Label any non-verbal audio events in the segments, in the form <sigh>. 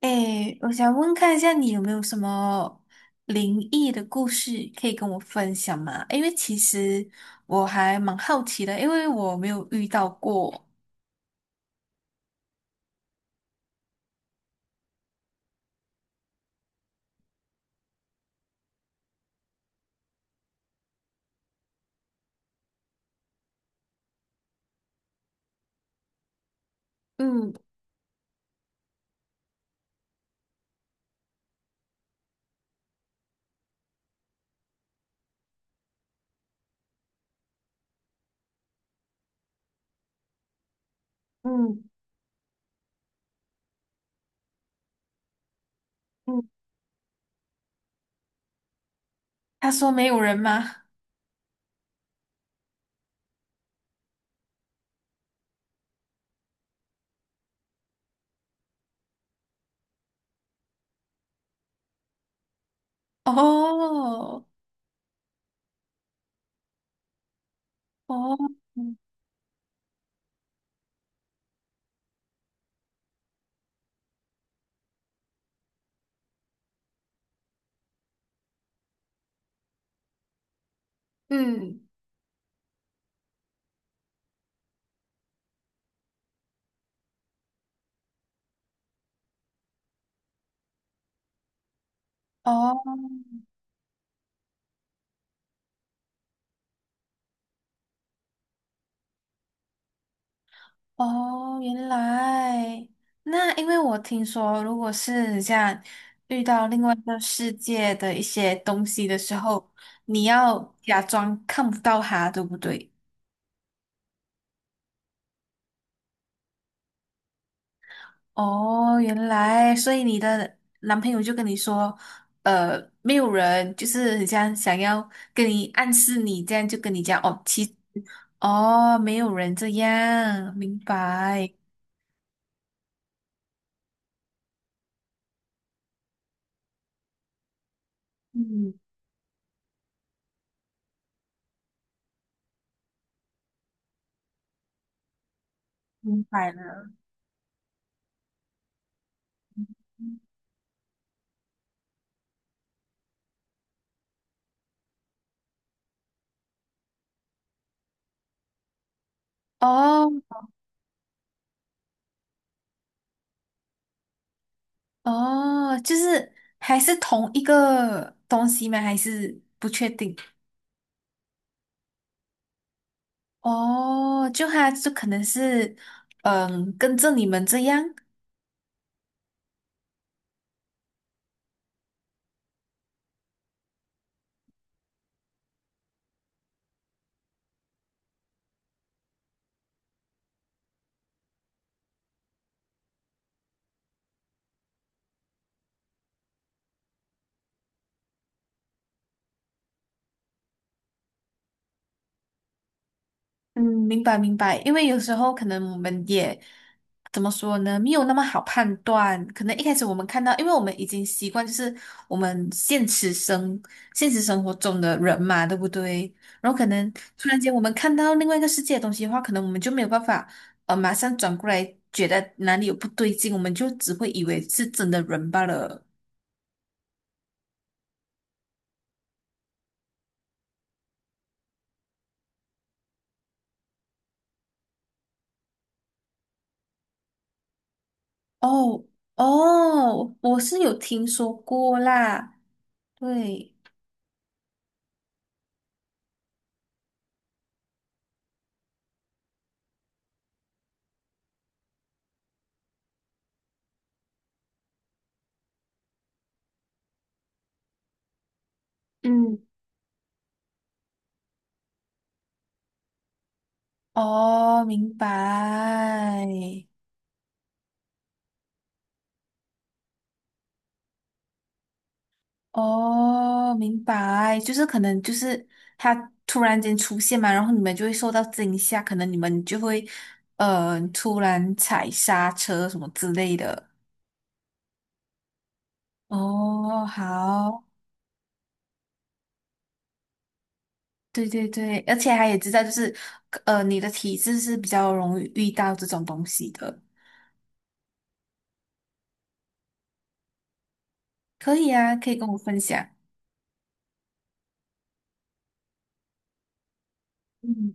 诶，我想问看一下，你有没有什么灵异的故事可以跟我分享吗？因为其实我还蛮好奇的，因为我没有遇到过。嗯嗯嗯，他说没有人吗？<laughs> 哦哦，嗯嗯哦哦，原来那因为我听说，如果是像遇到另外一个世界的一些东西的时候，你要假装看不到它，对不对？哦，原来，所以你的男朋友就跟你说，没有人，就是很像想要跟你暗示你，这样就跟你讲，哦，哦，没有人这样，明白，嗯，明白了。哦哦，就是还是同一个东西吗？还是不确定？哦，就他就可能是，嗯，跟着你们这样。嗯，明白明白，因为有时候可能我们也怎么说呢，没有那么好判断。可能一开始我们看到，因为我们已经习惯就是我们现实生活中的人嘛，对不对？然后可能突然间我们看到另外一个世界的东西的话，可能我们就没有办法马上转过来，觉得哪里有不对劲，我们就只会以为是真的人罢了。哦哦，我是有听说过啦，对。嗯，哦，明白。哦，明白，就是可能就是他突然间出现嘛，然后你们就会受到惊吓，可能你们就会突然踩刹车什么之类的。哦，好，对对对，而且他也知道就是你的体质是比较容易遇到这种东西的，可以啊，可以跟我分享。嗯，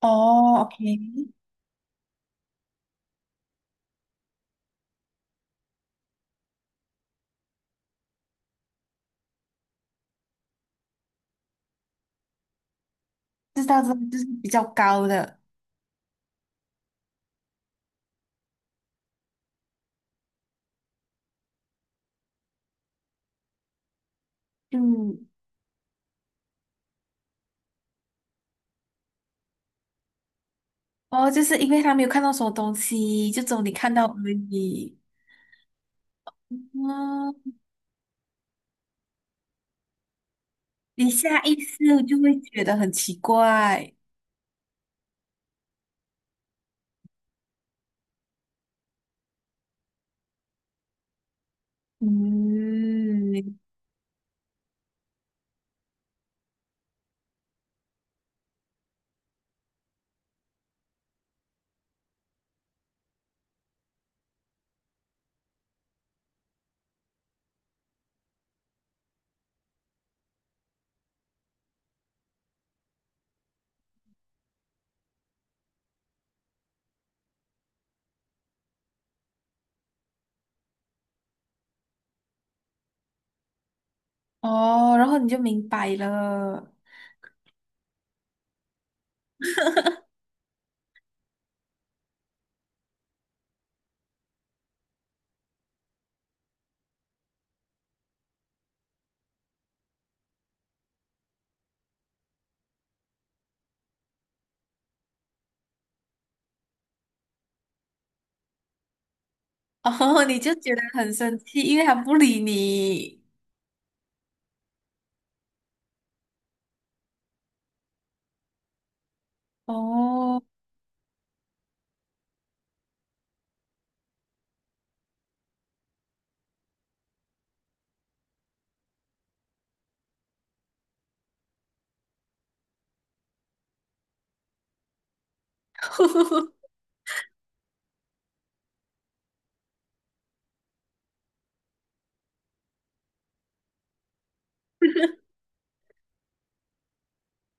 哦，OK，知道这道，就是比较高的，嗯。哦，就是因为他没有看到什么东西，就只有你看到而已。嗯，你下意识就会觉得很奇怪。嗯，哦，然后你就明白了。哦，<laughs> 你就觉得很生气，因为他不理你。哦，<laughs>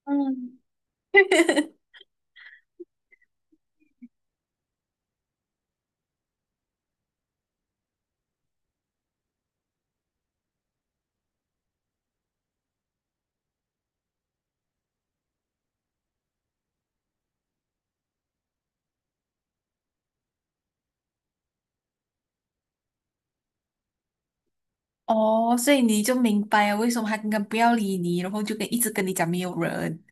嗯，<laughs> 哦，所以你就明白了为什么他刚刚不要理你，然后就一直跟你讲没有人。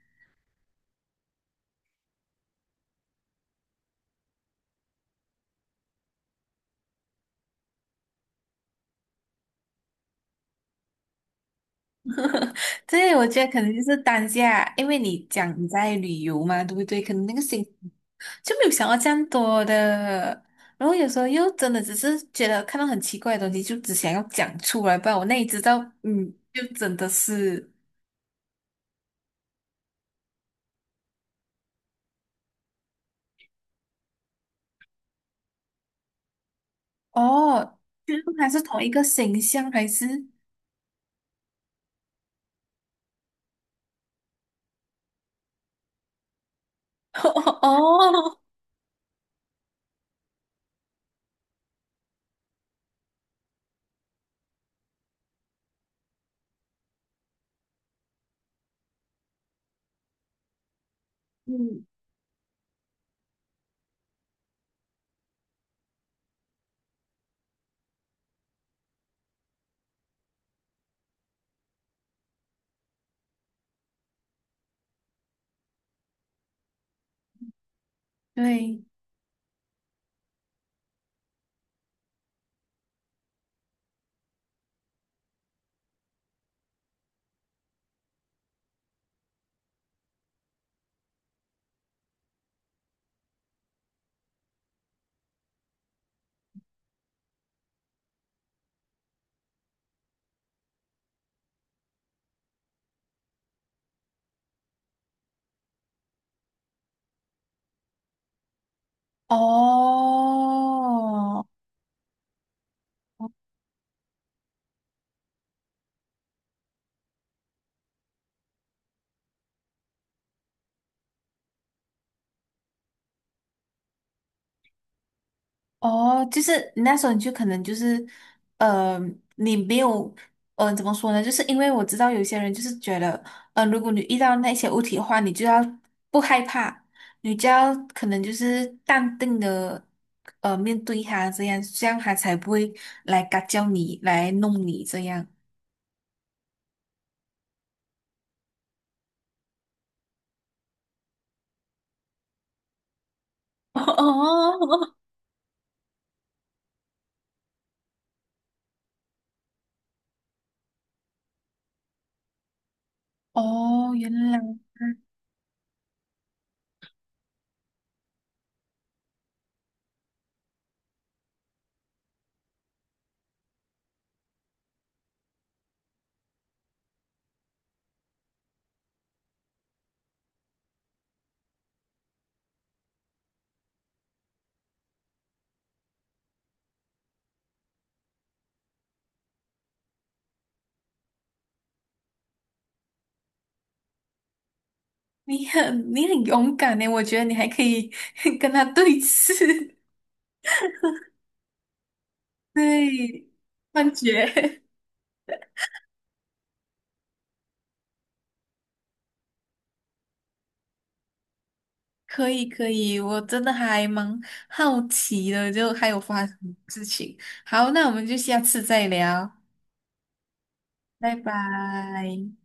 对，我觉得可能就是当下，因为你讲你在旅游嘛，对不对？可能那个心就没有想到这样多的。然后有时候又真的只是觉得看到很奇怪的东西，就只想要讲出来，不然我那里知道，嗯，就真的是哦，<laughs> 就是还是同一个形象，还是 <laughs> 哦，嗯，对，哦。哦，就是那时候你就可能就是，呃，你没有，怎么说呢？就是因为我知道有些人就是觉得，如果你遇到那些物体的话，你就要不害怕，你就要可能就是淡定的，面对它，这样这样它才不会来嘎叫你，来弄你这样。<laughs> 哦，哦，原来你很勇敢呢，我觉得你还可以 <laughs> 跟他对峙，<laughs> 对，幻觉。<laughs> 可以可以，我真的还蛮好奇的，就还有发生什么事情。好，那我们就下次再聊，拜拜。